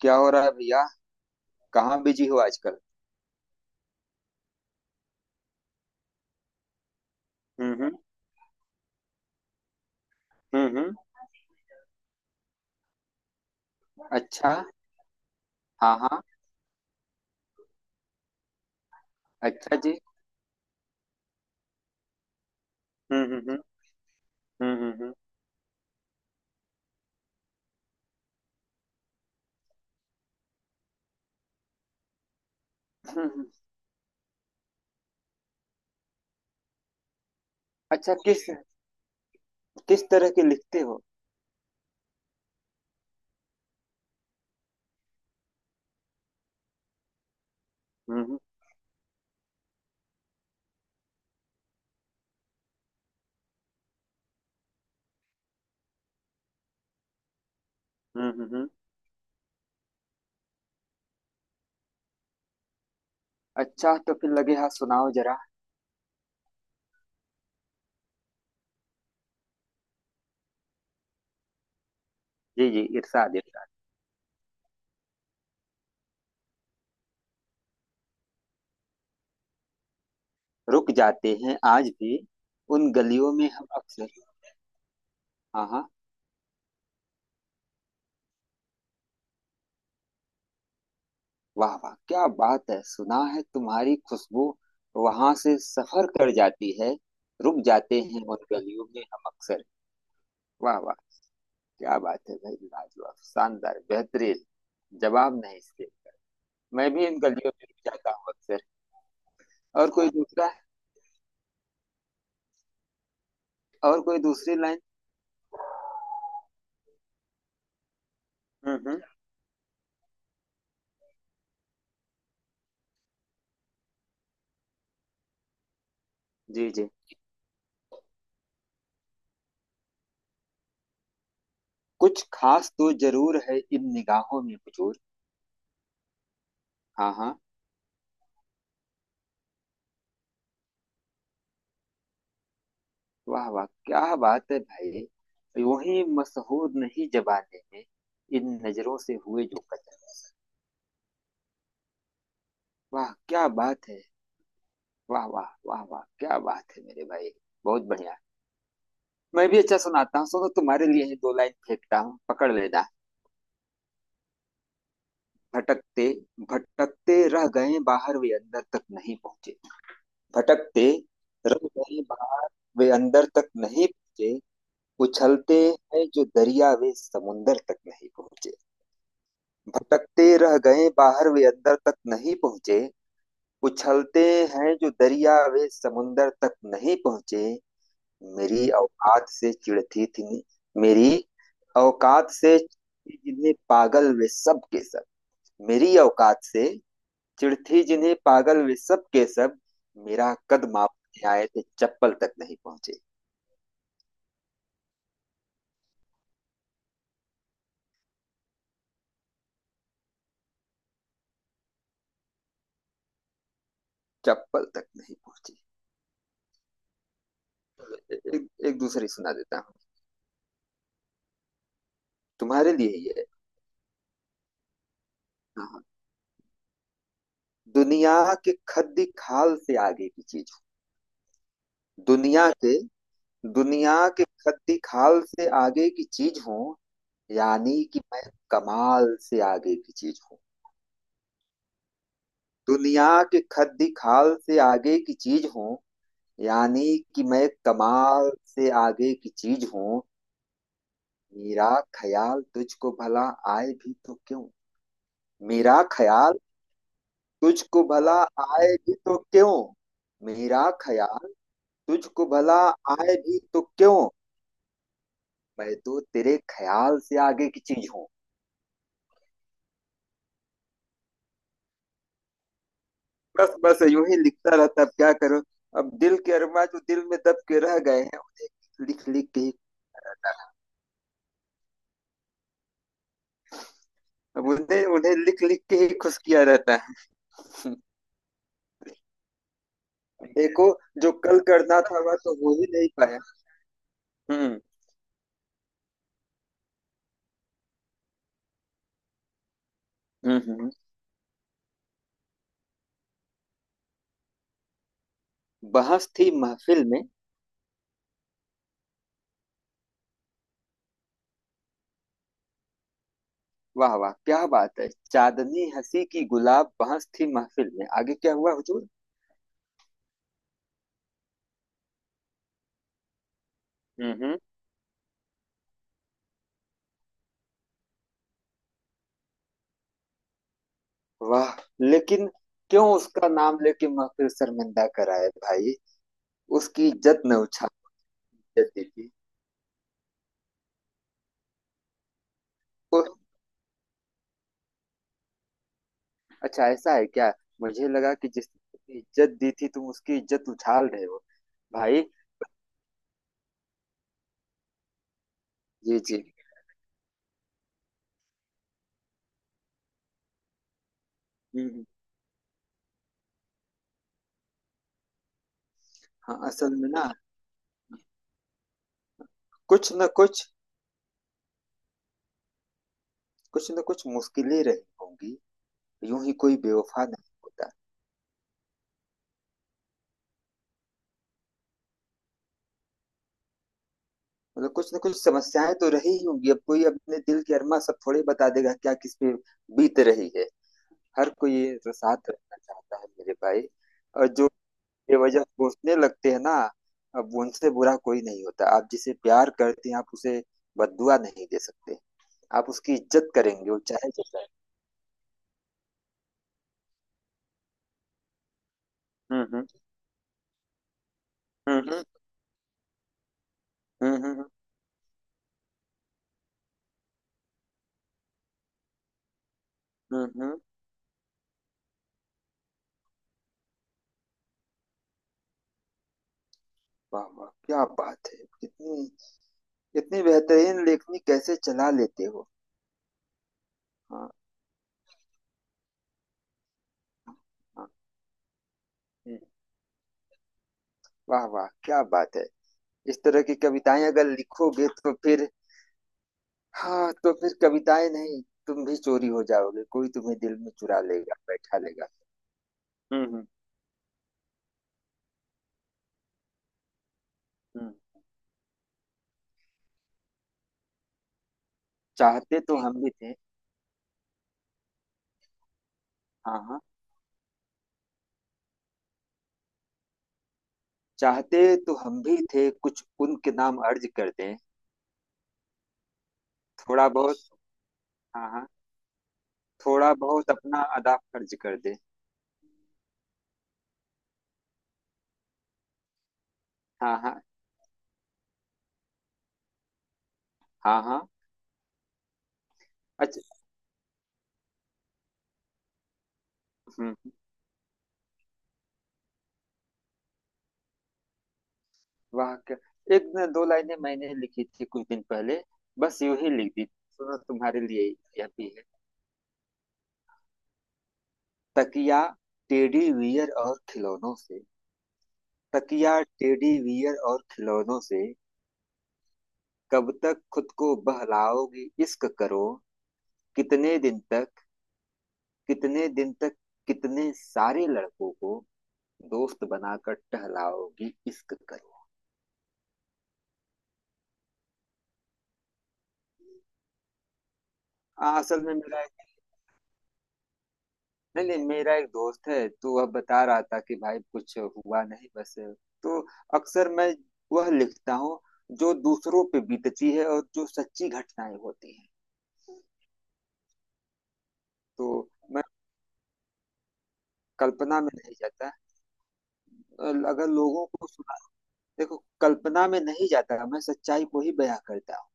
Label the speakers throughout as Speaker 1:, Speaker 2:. Speaker 1: क्या हो रहा है भैया? कहाँ बिजी हो आजकल? हम्म। हम्म। अच्छा। हाँ हाँ। अच्छा जी। हम्म। हम्म। हम्म, हम्म। अच्छा किस किस तरह के लिखते हो? हम्म हम्म। हम्म। अच्छा तो फिर लगे हाथ सुनाओ जरा। जी जी, इरशाद इरशाद। रुक जाते हैं आज भी उन गलियों में हम अक्सर। हाँ हाँ। वाह वाह, क्या बात है! सुना है तुम्हारी खुशबू वहां से सफर कर जाती है। रुक जाते हैं उन गलियों में हम अक्सर। वाह वाह, क्या बात है भाई! लाजवाब, शानदार, बेहतरीन। जवाब नहीं इसके। मैं भी इन गलियों में जाता हूँ अक्सर। और कोई दूसरा? और कोई दूसरी लाइन? हम्म। जी जी। कुछ खास तो जरूर है इन निगाहों में हुजूर। हाँ हाँ। वाह वाह, क्या बात है भाई! यूं ही मसहूर नहीं जबाने में, इन नजरों से हुए जो कतल। वाह, क्या बात है! वाह वाह वाह वाह, क्या बात है मेरे भाई! बहुत बढ़िया। मैं भी अच्छा सुनाता हूँ, सुनो। तुम्हारे लिए ही दो लाइन फेंकता हूँ, पकड़ लेना। भटकते भटकते रह गए बाहर, वे अंदर तक नहीं पहुंचे। भटकते रह गए बाहर, वे अंदर तक नहीं पहुंचे। उछलते हैं जो दरिया, वे समुंदर तक नहीं पहुंचे। भटकते रह गए बाहर, वे अंदर तक नहीं पहुंचे। उछलते हैं जो दरिया, वे समुंदर तक नहीं पहुंचे। मेरी औकात से चिढ़ती थी। मेरी औकात से जिन्हें पागल, वे सब के सब। मेरी औकात से चिड़थी जिन्हें पागल, वे सब के सब। मेरा कद मापने आए थे, चप्पल तक नहीं पहुंचे। चप्पल तक नहीं पहुंचे। एक दूसरी सुना देता हूँ। तुम्हारे लिए ये है। हाँ। दुनिया के खद्दी खाल से आगे की चीज हूँ। दुनिया के, दुनिया के खद्दी खाल से आगे की चीज हूँ। यानी कि मैं कमाल से आगे की चीज हूँ। दुनिया के खद्दी खाल से आगे की चीज हूँ। यानी कि मैं कमाल से आगे की चीज हूँ। मेरा ख्याल तुझको भला आए भी तो क्यों? मेरा ख्याल तुझको भला आए भी तो क्यों? मेरा ख्याल तुझको भला आए भी तो क्यों? मैं तो तेरे ख्याल से आगे की चीज हूँ। बस बस, यूं ही लिखता रहता, अब क्या करो। अब दिल के अरमां जो दिल में दब के रह गए हैं, उन्हें लिख लिख के ही। अब उन्हें उन्हें लिख लिख के ही खुश किया रहता है। देखो, जो कल करना था वह तो हो ही नहीं पाया। हम्म हम्म। हम्म। बहस थी महफिल में। वाह वाह, क्या बात है! चांदनी हंसी की गुलाब, बहस थी महफिल में, आगे क्या हुआ हुजूर? हम्म। वाह। लेकिन क्यों उसका नाम लेके महफिल शर्मिंदा कराए भाई? उसकी इज्जत न उछा, इज्जत दी थी। ओह, अच्छा ऐसा है क्या? मुझे लगा कि जिसकी इज्जत दी थी तुम उसकी इज्जत उछाल रहे हो भाई। जी जी। हम्म, हम्म। हाँ, असल में ना, कुछ न कुछ कुछ न कुछ मुश्किलें रही होंगी। यूं ही कोई बेवफा नहीं होता। मतलब कुछ न कुछ समस्याएं तो रही ही होंगी। अब कोई अपने दिल की अरमा सब थोड़े बता देगा क्या, किस पे बीत रही है। हर कोई ये तो साथ रहना चाहता है मेरे भाई। और जो बेवजह कोसने लगते हैं ना, अब उनसे बुरा कोई नहीं होता। आप जिसे प्यार करते हैं, आप उसे बददुआ नहीं दे सकते। आप उसकी इज्जत करेंगे, वो चाहे जैसा है। हम्म हम्म। हम्म। हम्म। हम्म, हम्म। वाह वाह, क्या बात है! कितनी, इतनी बेहतरीन लेखनी कैसे चला लेते हो? हाँ। हाँ, हम्म। वाह वाह, क्या बात है! इस तरह की कविताएं अगर लिखोगे तो फिर, हाँ तो फिर कविताएं नहीं, तुम भी चोरी हो जाओगे, कोई तुम्हें दिल में चुरा लेगा, बैठा लेगा। हम्म। हम्म। चाहते तो ठीक हम भी थे। हाँ हाँ। चाहते तो हम भी थे, कुछ उनके नाम अर्ज कर दें। थोड़ा बहुत। हाँ हाँ। थोड़ा बहुत अपना अदा फर्ज कर दें। हाँ हाँ। हाँ हाँ। अच्छा। हम्म हम्म। वाह, क्या! एक न दो लाइनें मैंने लिखी थी कुछ दिन पहले, बस यूं ही लिख दी, सुनो तुम्हारे लिए। यह भी है। तकिया, टेडी बियर और खिलौनों से, तकिया टेडी बियर और खिलौनों से कब तक खुद को बहलाओगी, इश्क करो। कितने दिन तक, कितने दिन तक, कितने सारे लड़कों को दोस्त बनाकर टहलाओगी, इश्क करो। हाँ, असल में मेरा एक, नहीं नहीं, मेरा एक दोस्त है, तो वह बता रहा था कि भाई कुछ हुआ नहीं, बस। तो अक्सर मैं वह लिखता हूँ जो दूसरों पे बीतती है और जो सच्ची घटनाएं होती हैं। तो कल्पना में नहीं जाता। अगर लोगों को सुना, देखो, कल्पना में नहीं जाता, मैं सच्चाई को ही बयां करता हूँ।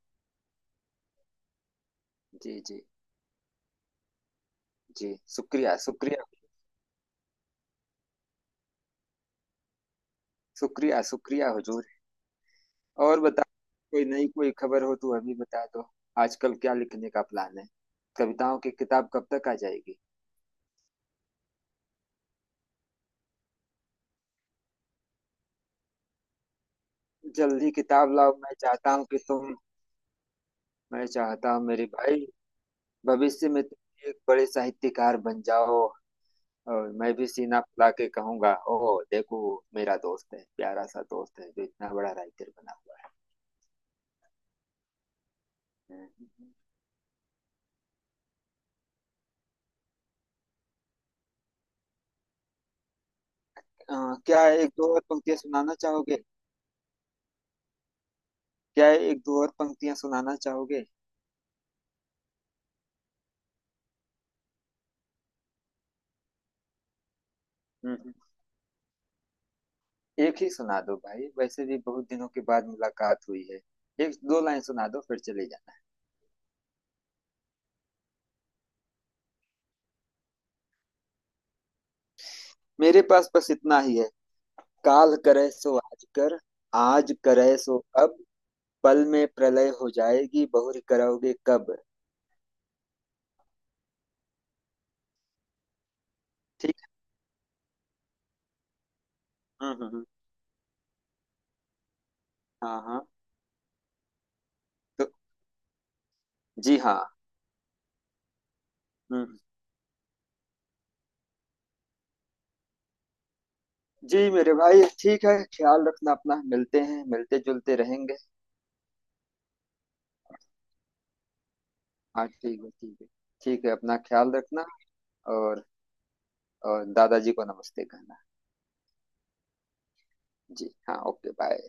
Speaker 1: जी जी। जी, शुक्रिया शुक्रिया। शुक्रिया शुक्रिया हुजूर। और बता, कोई नई कोई खबर हो तो अभी बता दो। आजकल क्या लिखने का प्लान है? कविताओं की किताब कब तक आ जाएगी? जल्दी किताब लाओ, मैं चाहता हूँ कि तुम, मैं चाहता हूँ मेरे भाई, भविष्य में तुम एक बड़े साहित्यकार बन जाओ, और मैं भी सीना फुला के कहूंगा, ओह देखो, मेरा दोस्त है, प्यारा सा दोस्त है जो इतना बड़ा राइटर बना हुआ है। क्या एक दो और पंक्तियां सुनाना चाहोगे? क्या एक दो और पंक्तियां सुनाना चाहोगे? हम्म हम्म। एक ही सुना दो भाई, वैसे भी बहुत दिनों के बाद मुलाकात हुई है, एक दो लाइन सुना दो फिर चले जाना है। मेरे पास बस इतना ही है। काल करे सो आज कर, आज करे सो अब, पल में प्रलय हो जाएगी, बहुरी करोगे कब। ठीक है। हम्म हम्म हम्म। हाँ हाँ। तो जी हाँ। हम्म। जी मेरे भाई, ठीक है, ख्याल रखना अपना, मिलते हैं, मिलते जुलते रहेंगे। हाँ ठीक है, ठीक है। ठीक है, अपना ख्याल रखना। और, दादाजी को नमस्ते कहना। जी हाँ, ओके बाय।